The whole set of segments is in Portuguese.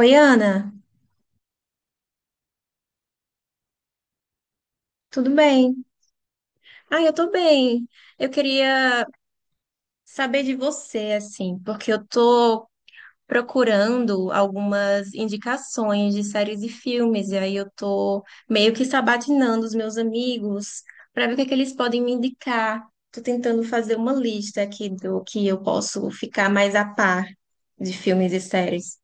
Oi, Ana, tudo bem? Ah, eu tô bem. Eu queria saber de você, assim, porque eu tô procurando algumas indicações de séries e filmes, e aí eu tô meio que sabatinando os meus amigos para ver o que é que eles podem me indicar. Tô tentando fazer uma lista aqui do que eu posso ficar mais a par de filmes e séries.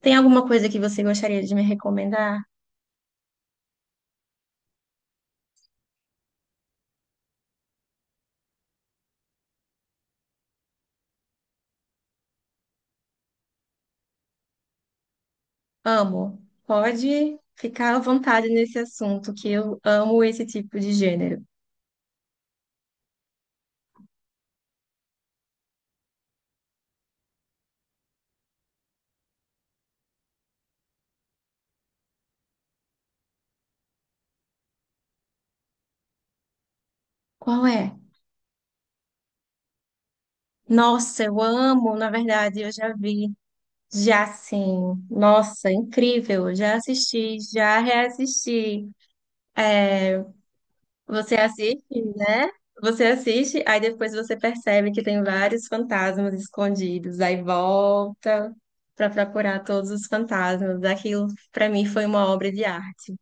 Tem alguma coisa que você gostaria de me recomendar? Amo. Pode ficar à vontade nesse assunto, que eu amo esse tipo de gênero. Qual é? Nossa, eu amo, na verdade, eu já vi, já sim. Nossa, incrível, já assisti, já reassisti. É, você assiste, né? Você assiste, aí depois você percebe que tem vários fantasmas escondidos, aí volta para procurar todos os fantasmas. Aquilo, para mim, foi uma obra de arte.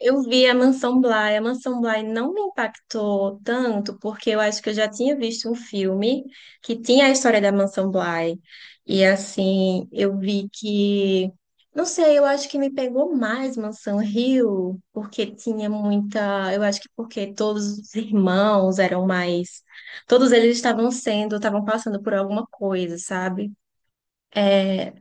Eu vi a Mansão Bly. A Mansão Bly não me impactou tanto, porque eu acho que eu já tinha visto um filme que tinha a história da Mansão Bly. E assim, eu vi que. Não sei, eu acho que me pegou mais Mansão Rio, porque tinha muita. Eu acho que porque todos os irmãos eram mais. Todos eles estavam sendo, estavam passando por alguma coisa, sabe? É,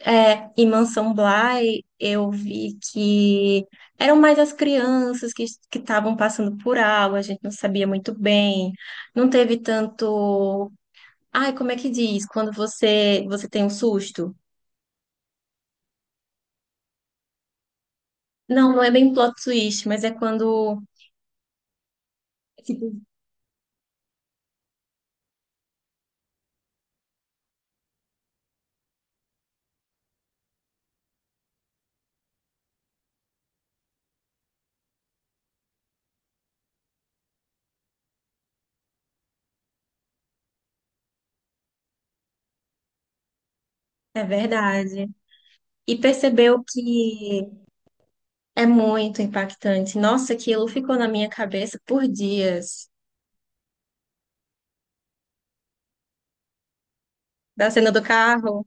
é, em Mansão Bly, eu vi que eram mais as crianças que estavam passando por algo, a gente não sabia muito bem, não teve tanto. Ai, como é que diz? Quando você tem um susto? Não, não é bem plot twist, mas é quando. Tipo, é verdade. E percebeu que é muito impactante. Nossa, aquilo ficou na minha cabeça por dias. Da cena do carro,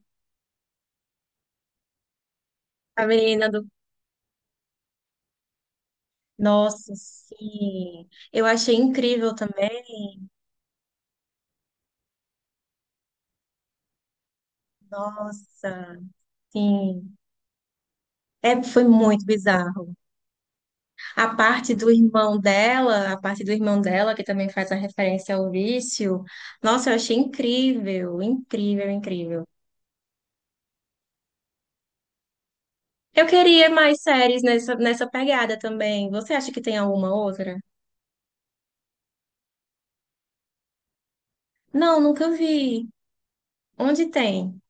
a menina do... Nossa, sim. Eu achei incrível também. Nossa, sim. É, foi muito bizarro. A parte do irmão dela, a parte do irmão dela, que também faz a referência ao vício. Nossa, eu achei incrível, incrível, incrível. Eu queria mais séries nessa, nessa pegada também. Você acha que tem alguma outra? Não, nunca vi. Onde tem?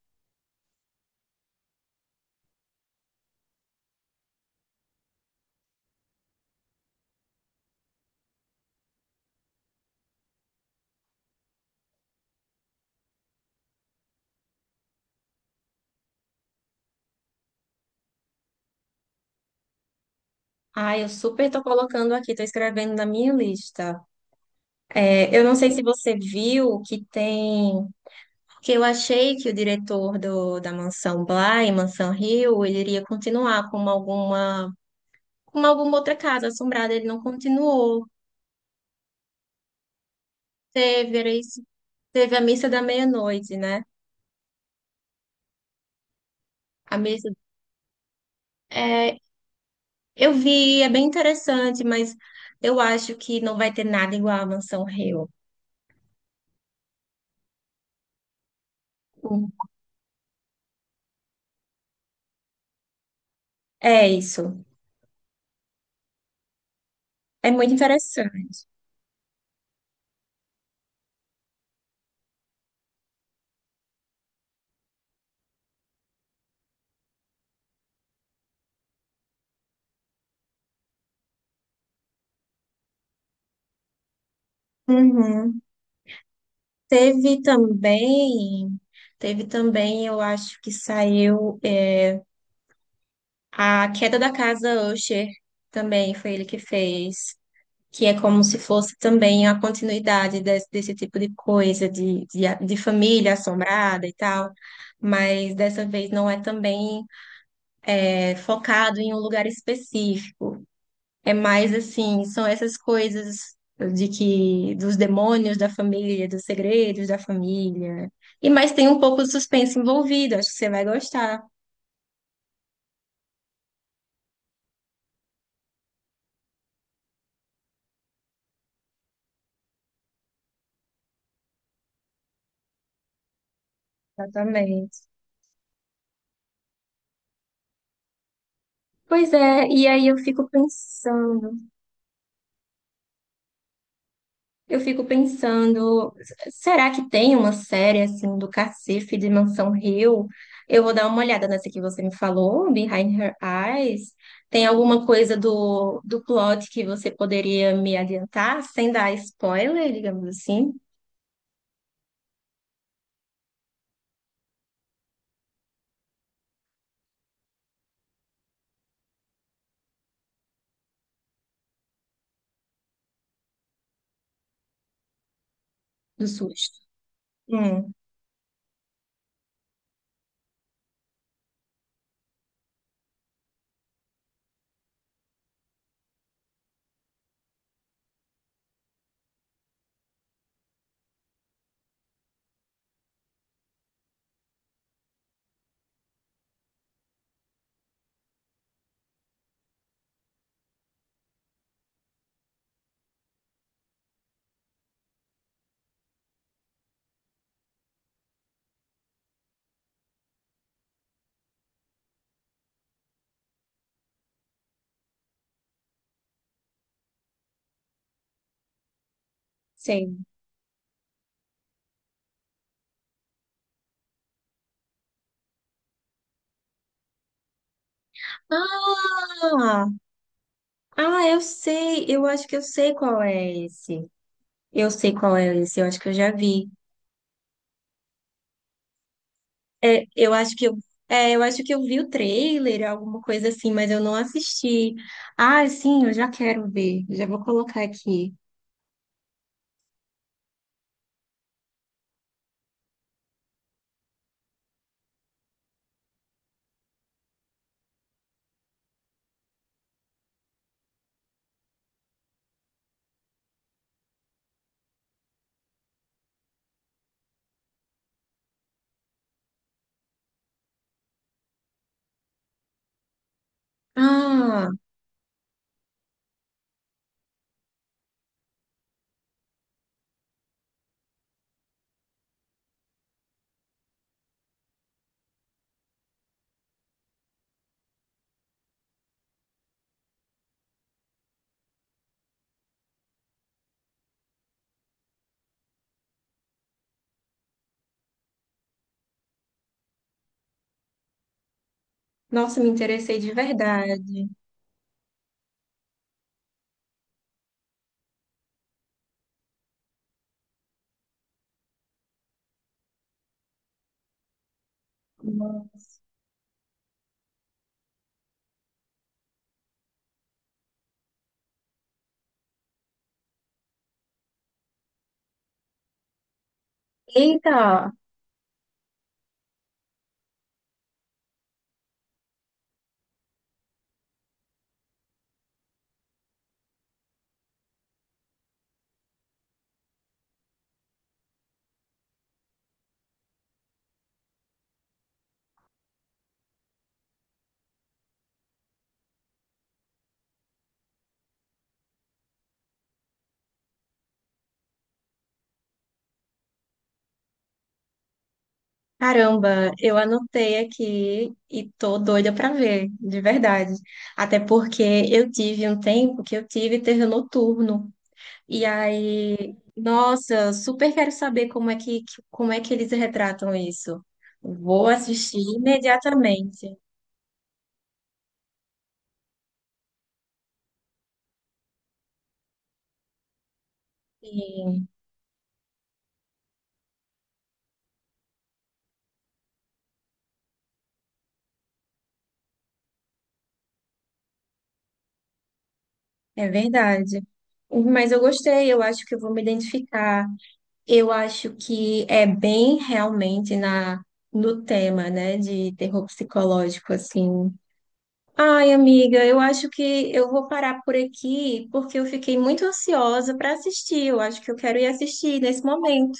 Ah, eu super tô colocando aqui, tô escrevendo na minha lista. É, eu não sei se você viu que tem. Porque eu achei que o diretor do, da Mansão Bly, Mansão Hill, ele iria continuar com alguma outra casa assombrada. Ele não continuou. Teve, era isso, teve a missa da meia-noite, né? A missa. É, eu vi, é bem interessante, mas eu acho que não vai ter nada igual a Mansão Hill. Hum. É isso. É muito interessante. Uhum. Teve também, teve também, eu acho que saiu. É, A Queda da Casa Usher também foi ele que fez, que é como se fosse também a continuidade desse tipo de coisa, de família assombrada e tal, mas dessa vez não é também é, focado em um lugar específico. É mais assim, são essas coisas de que dos demônios da família, dos segredos da família. E mas tem um pouco de suspense envolvido, acho que você vai gostar. Exatamente. Pois é, e aí eu fico pensando. Eu fico pensando, será que tem uma série assim do cacife de Mansão Hill? Eu vou dar uma olhada nessa que você me falou, Behind Her Eyes. Tem alguma coisa do, do plot que você poderia me adiantar, sem dar spoiler, digamos assim, do susto? Hum, sei. Ah, ah, eu sei, eu acho que eu sei qual é esse. Eu sei qual é esse, eu acho que eu já vi. É, eu acho que eu, é, eu acho que eu vi o trailer, alguma coisa assim, mas eu não assisti. Ah, sim, eu já quero ver. Já vou colocar aqui. Ah, nossa, me interessei de verdade. Eita, caramba, eu anotei aqui e tô doida pra ver, de verdade. Até porque eu tive um tempo que eu tive terror noturno. E aí, nossa, super quero saber como é que eles retratam isso. Vou assistir imediatamente. Sim, é verdade. Mas eu gostei, eu acho que eu vou me identificar. Eu acho que é bem realmente na no tema, né, de terror psicológico assim. Ai, amiga, eu acho que eu vou parar por aqui porque eu fiquei muito ansiosa para assistir. Eu acho que eu quero ir assistir nesse momento.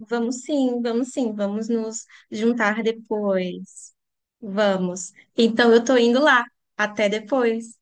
Vamos sim, vamos sim, vamos nos juntar depois. Vamos. Então eu tô indo lá. Até depois.